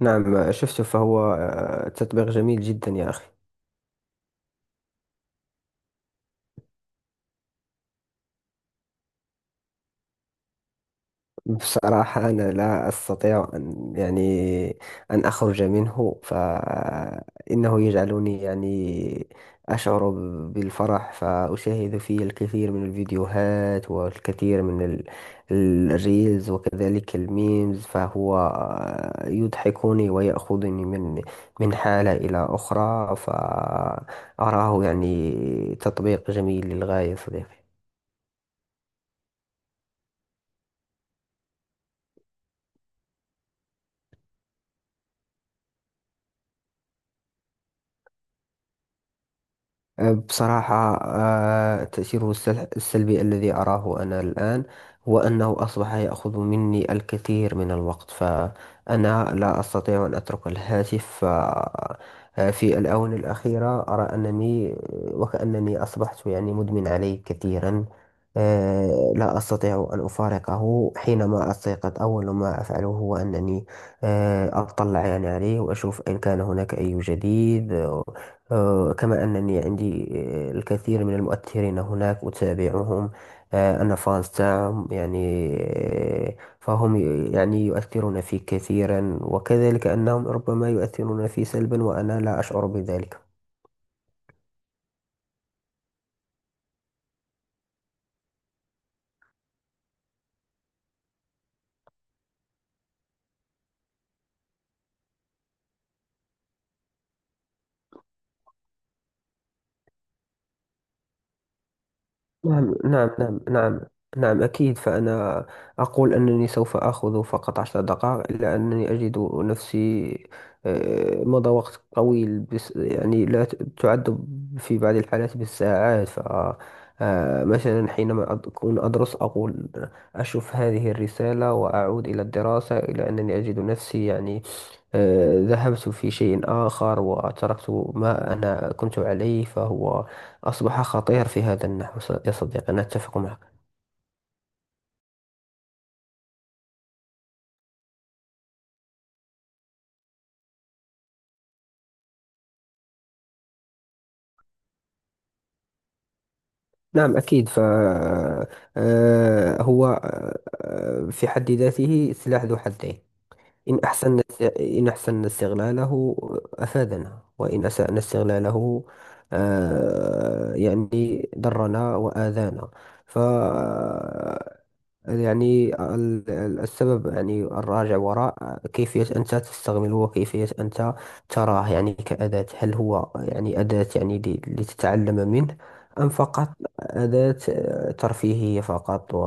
نعم، شفته، فهو تطبيق جميل جدا يا أخي. بصراحة، أنا لا أستطيع أن أن أخرج منه، فإنه يجعلني أشعر بالفرح، فأشاهد فيه الكثير من الفيديوهات والكثير من الريلز، وكذلك الميمز، فهو يضحكني ويأخذني من حالة إلى أخرى، فأراه تطبيق جميل للغاية، صديقي. بصراحة، تأثيره السلبي الذي أراه أنا الآن هو أنه أصبح يأخذ مني الكثير من الوقت، فأنا لا أستطيع أن أترك الهاتف. في الآونة الأخيرة أرى أنني وكأنني أصبحت مدمن عليه كثيرا. لا أستطيع أن أفارقه. حينما أستيقظ، أول ما أفعله هو أنني أطلع عليه وأشوف إن كان هناك أي جديد. كما أنني عندي الكثير من المؤثرين هناك أتابعهم. أنا فانز تاعهم، فهم يؤثرون في كثيرا، وكذلك أنهم ربما يؤثرون في سلبا، وأنا لا أشعر بذلك. نعم، نعم، نعم، نعم. نعم، أكيد. فأنا أقول أنني سوف آخذ فقط عشر دقائق، إلا أنني أجد نفسي مضى وقت طويل، بس لا تعد في بعض الحالات بالساعات. ف آه، مثلا، حينما أكون أدرس، أقول أشوف هذه الرسالة وأعود إلى الدراسة، إلى أنني أجد نفسي، ذهبت في شيء آخر وتركت ما أنا كنت عليه. فهو أصبح خطير في هذا النحو. يا صديقي، أنا أتفق معك. نعم، أكيد، فهو في حد ذاته سلاح ذو حدين. إن أحسن إن أحسن استغلاله أفادنا، وإن أسأنا استغلاله، ضرنا وآذانا. ف السبب، الراجع وراء كيفية أنت تستعمله وكيفية أنت تراه، كأداة. هل هو أداة، لتتعلم منه، أم فقط أداة ترفيهية فقط، و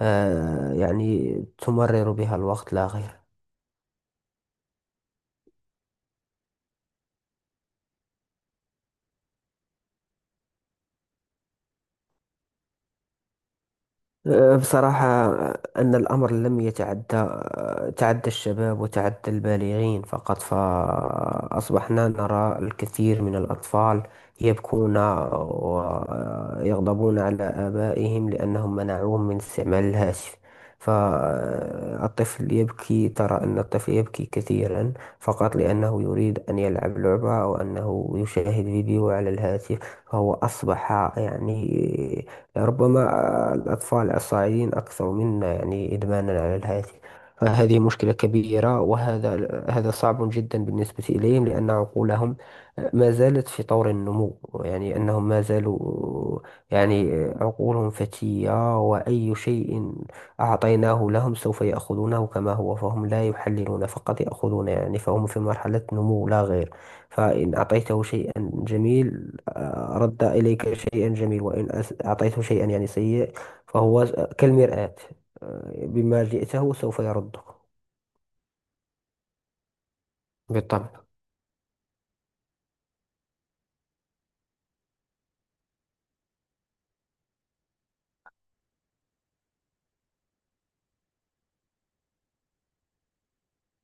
تمرر بها الوقت لا غير. بصراحة، أن الأمر لم يتعدى. تعدى الشباب وتعدى البالغين فقط، فأصبحنا نرى الكثير من الأطفال يبكون ويغضبون على آبائهم لأنهم منعوهم من استعمال الهاتف. فالطفل يبكي. ترى أن الطفل يبكي كثيرا فقط لأنه يريد أن يلعب لعبة أو أنه يشاهد فيديو على الهاتف. فهو أصبح، يعني ربما الأطفال الصاعدين أكثر منا إدمانا على الهاتف. فهذه مشكلة كبيرة، وهذا صعب جدا بالنسبة إليهم، لأن عقولهم ما زالت في طور النمو. أنهم ما زالوا، يعني عقولهم فتية، وأي شيء أعطيناه لهم سوف يأخذونه كما هو. فهم لا يحللون، فقط يأخذون، فهم في مرحلة نمو لا غير. فإن أعطيته شيئا جميل، رد إليك شيئا جميل، وإن أعطيته شيئا سيء، فهو كالمرآة، بما جئته سوف يردك. بالطبع.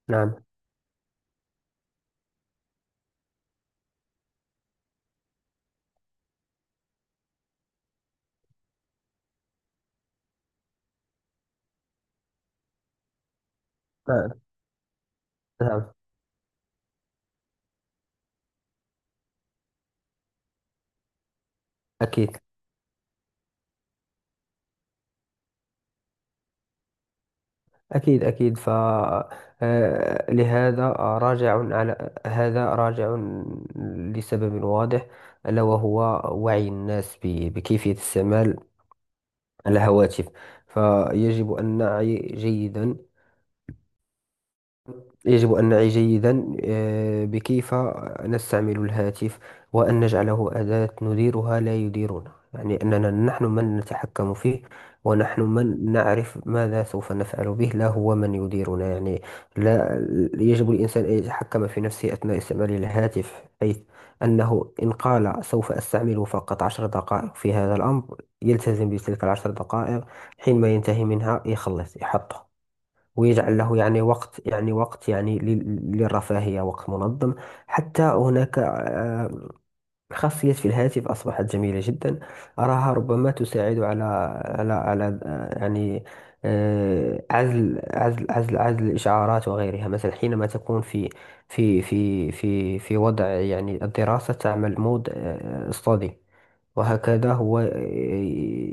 نعم، نعم، نعم. أكيد، أكيد، أكيد. ف آه، لهذا راجع على هذا راجع لسبب واضح، ألا وهو وعي الناس بكيفية استعمال الهواتف. فيجب أن نعي جيدا يجب أن نعي جيدا، بكيف نستعمل الهاتف، وأن نجعله أداة نديرها لا يديرنا. أننا نحن من نتحكم فيه، ونحن من نعرف ماذا سوف نفعل به، لا هو من يديرنا، لا. يجب الإنسان أن يتحكم في نفسه أثناء استعمال الهاتف، حيث أنه إن قال سوف أستعمل فقط عشر دقائق في هذا الأمر، يلتزم بتلك العشر دقائق. حينما ينتهي منها يخلص يحطه، ويجعل له وقت، وقت، للرفاهية، وقت منظم. حتى هناك خاصية في الهاتف أصبحت جميلة جدا. أراها ربما تساعد على عزل الإشعارات وغيرها. مثلا، حينما تكون في وضع الدراسة، تعمل مود study، وهكذا هو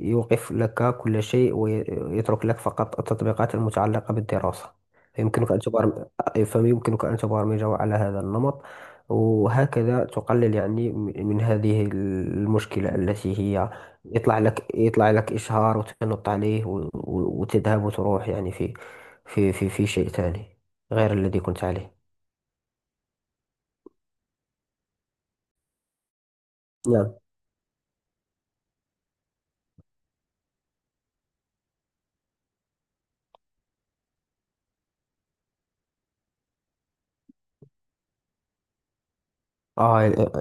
يوقف لك كل شيء ويترك لك فقط التطبيقات المتعلقة بالدراسة. فيمكنك أن تبرم... فيمكنك أن تبرمجه على هذا النمط، وهكذا تقلل من هذه المشكلة، التي هي يطلع لك إشهار وتنط عليه، وتذهب وتروح في شيء ثاني غير الذي كنت عليه. نعم. آه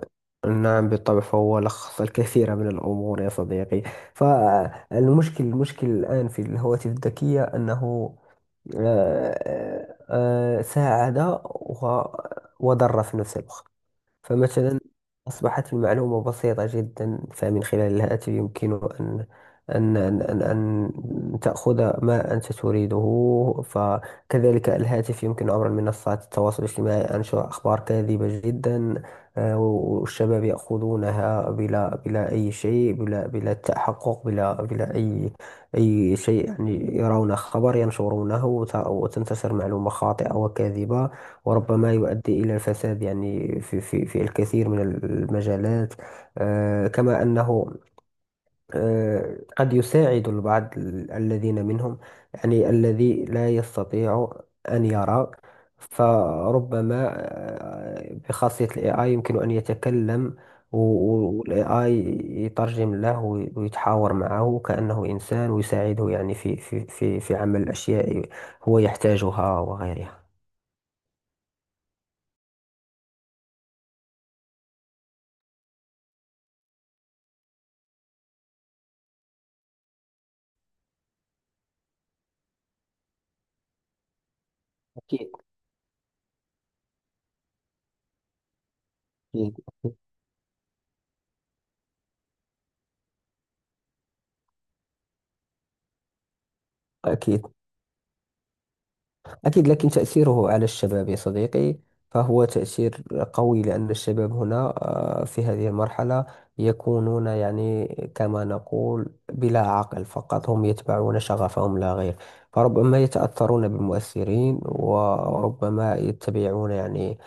نعم، بالطبع. فهو لخص الكثير من الأمور يا صديقي. فالمشكل الآن في الهواتف الذكية أنه آه، آه، ساعد وضر في نفس الوقت. فمثلا، أصبحت المعلومة بسيطة جدا، فمن خلال الهاتف يمكن أن أن تأخذ ما أنت تريده. فكذلك الهاتف، يمكن عبر منصات التواصل الاجتماعي أنشر أخبار كاذبة جدا. والشباب يأخذونها بلا أي شيء، بلا تحقق، بلا أي شيء. يرون خبر ينشرونه، وتنتشر معلومة خاطئة وكاذبة، وربما يؤدي إلى الفساد في الكثير من المجالات. كما أنه قد يساعد البعض، الذين منهم الذي لا يستطيع أن يرى، فربما بخاصية ال AI يمكن أن يتكلم، وال AI يترجم له، ويتحاور معه كأنه إنسان، ويساعده في عمل الأشياء هو يحتاجها وغيرها. أكيد، أكيد، أكيد، أكيد. لكن تأثيره على الشباب يا صديقي، فهو تأثير قوي، لأن الشباب هنا في هذه المرحلة يكونون، كما نقول، بلا عقل. فقط هم يتبعون شغفهم لا غير. فربما يتأثرون بمؤثرين، وربما يتبعون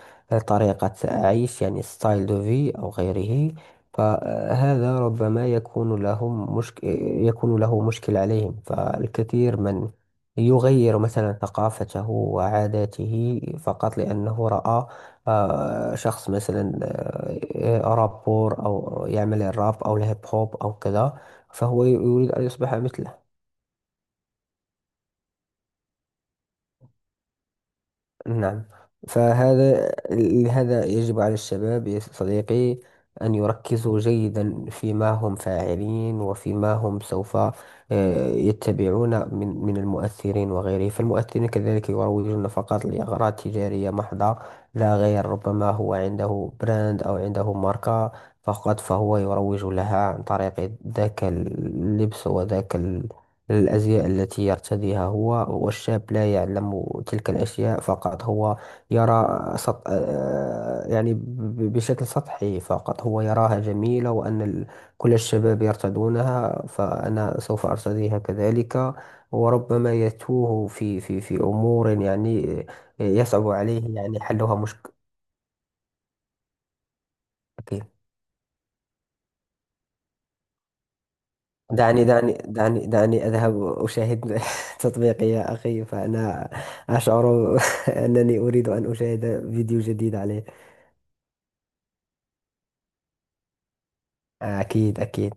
طريقة عيش، ستايل دو في أو غيره. فهذا ربما يكون له مشكل عليهم. فالكثير من يغير مثلا ثقافته وعاداته فقط لأنه رأى شخص مثلا، رابور أو يعمل الراب أو الهيب هوب أو كذا، فهو يريد أن يصبح مثله. نعم. لهذا يجب على الشباب يا صديقي أن يركزوا جيدا فيما هم فاعلين، وفيما هم سوف يتبعون من المؤثرين وغيره. فالمؤثرين كذلك يروجون فقط لأغراض تجارية محضة لا غير. ربما هو عنده براند أو عنده ماركة فقط، فهو يروج لها عن طريق ذاك اللبس وذاك الأزياء التي يرتديها هو، والشاب لا يعلم تلك الأشياء، فقط هو يرى سط... آه، يعني ب- بشكل سطحي فقط، هو يراها جميلة، وأن كل الشباب يرتدونها، فأنا سوف أرتديها كذلك. وربما يتوه في أمور، يصعب عليه حلها، مشكل. دعني، دعني، دعني، دعني أذهب أشاهد تطبيقي يا أخي، فأنا أشعر أنني أريد أن أشاهد فيديو جديد عليه. أكيد، أكيد.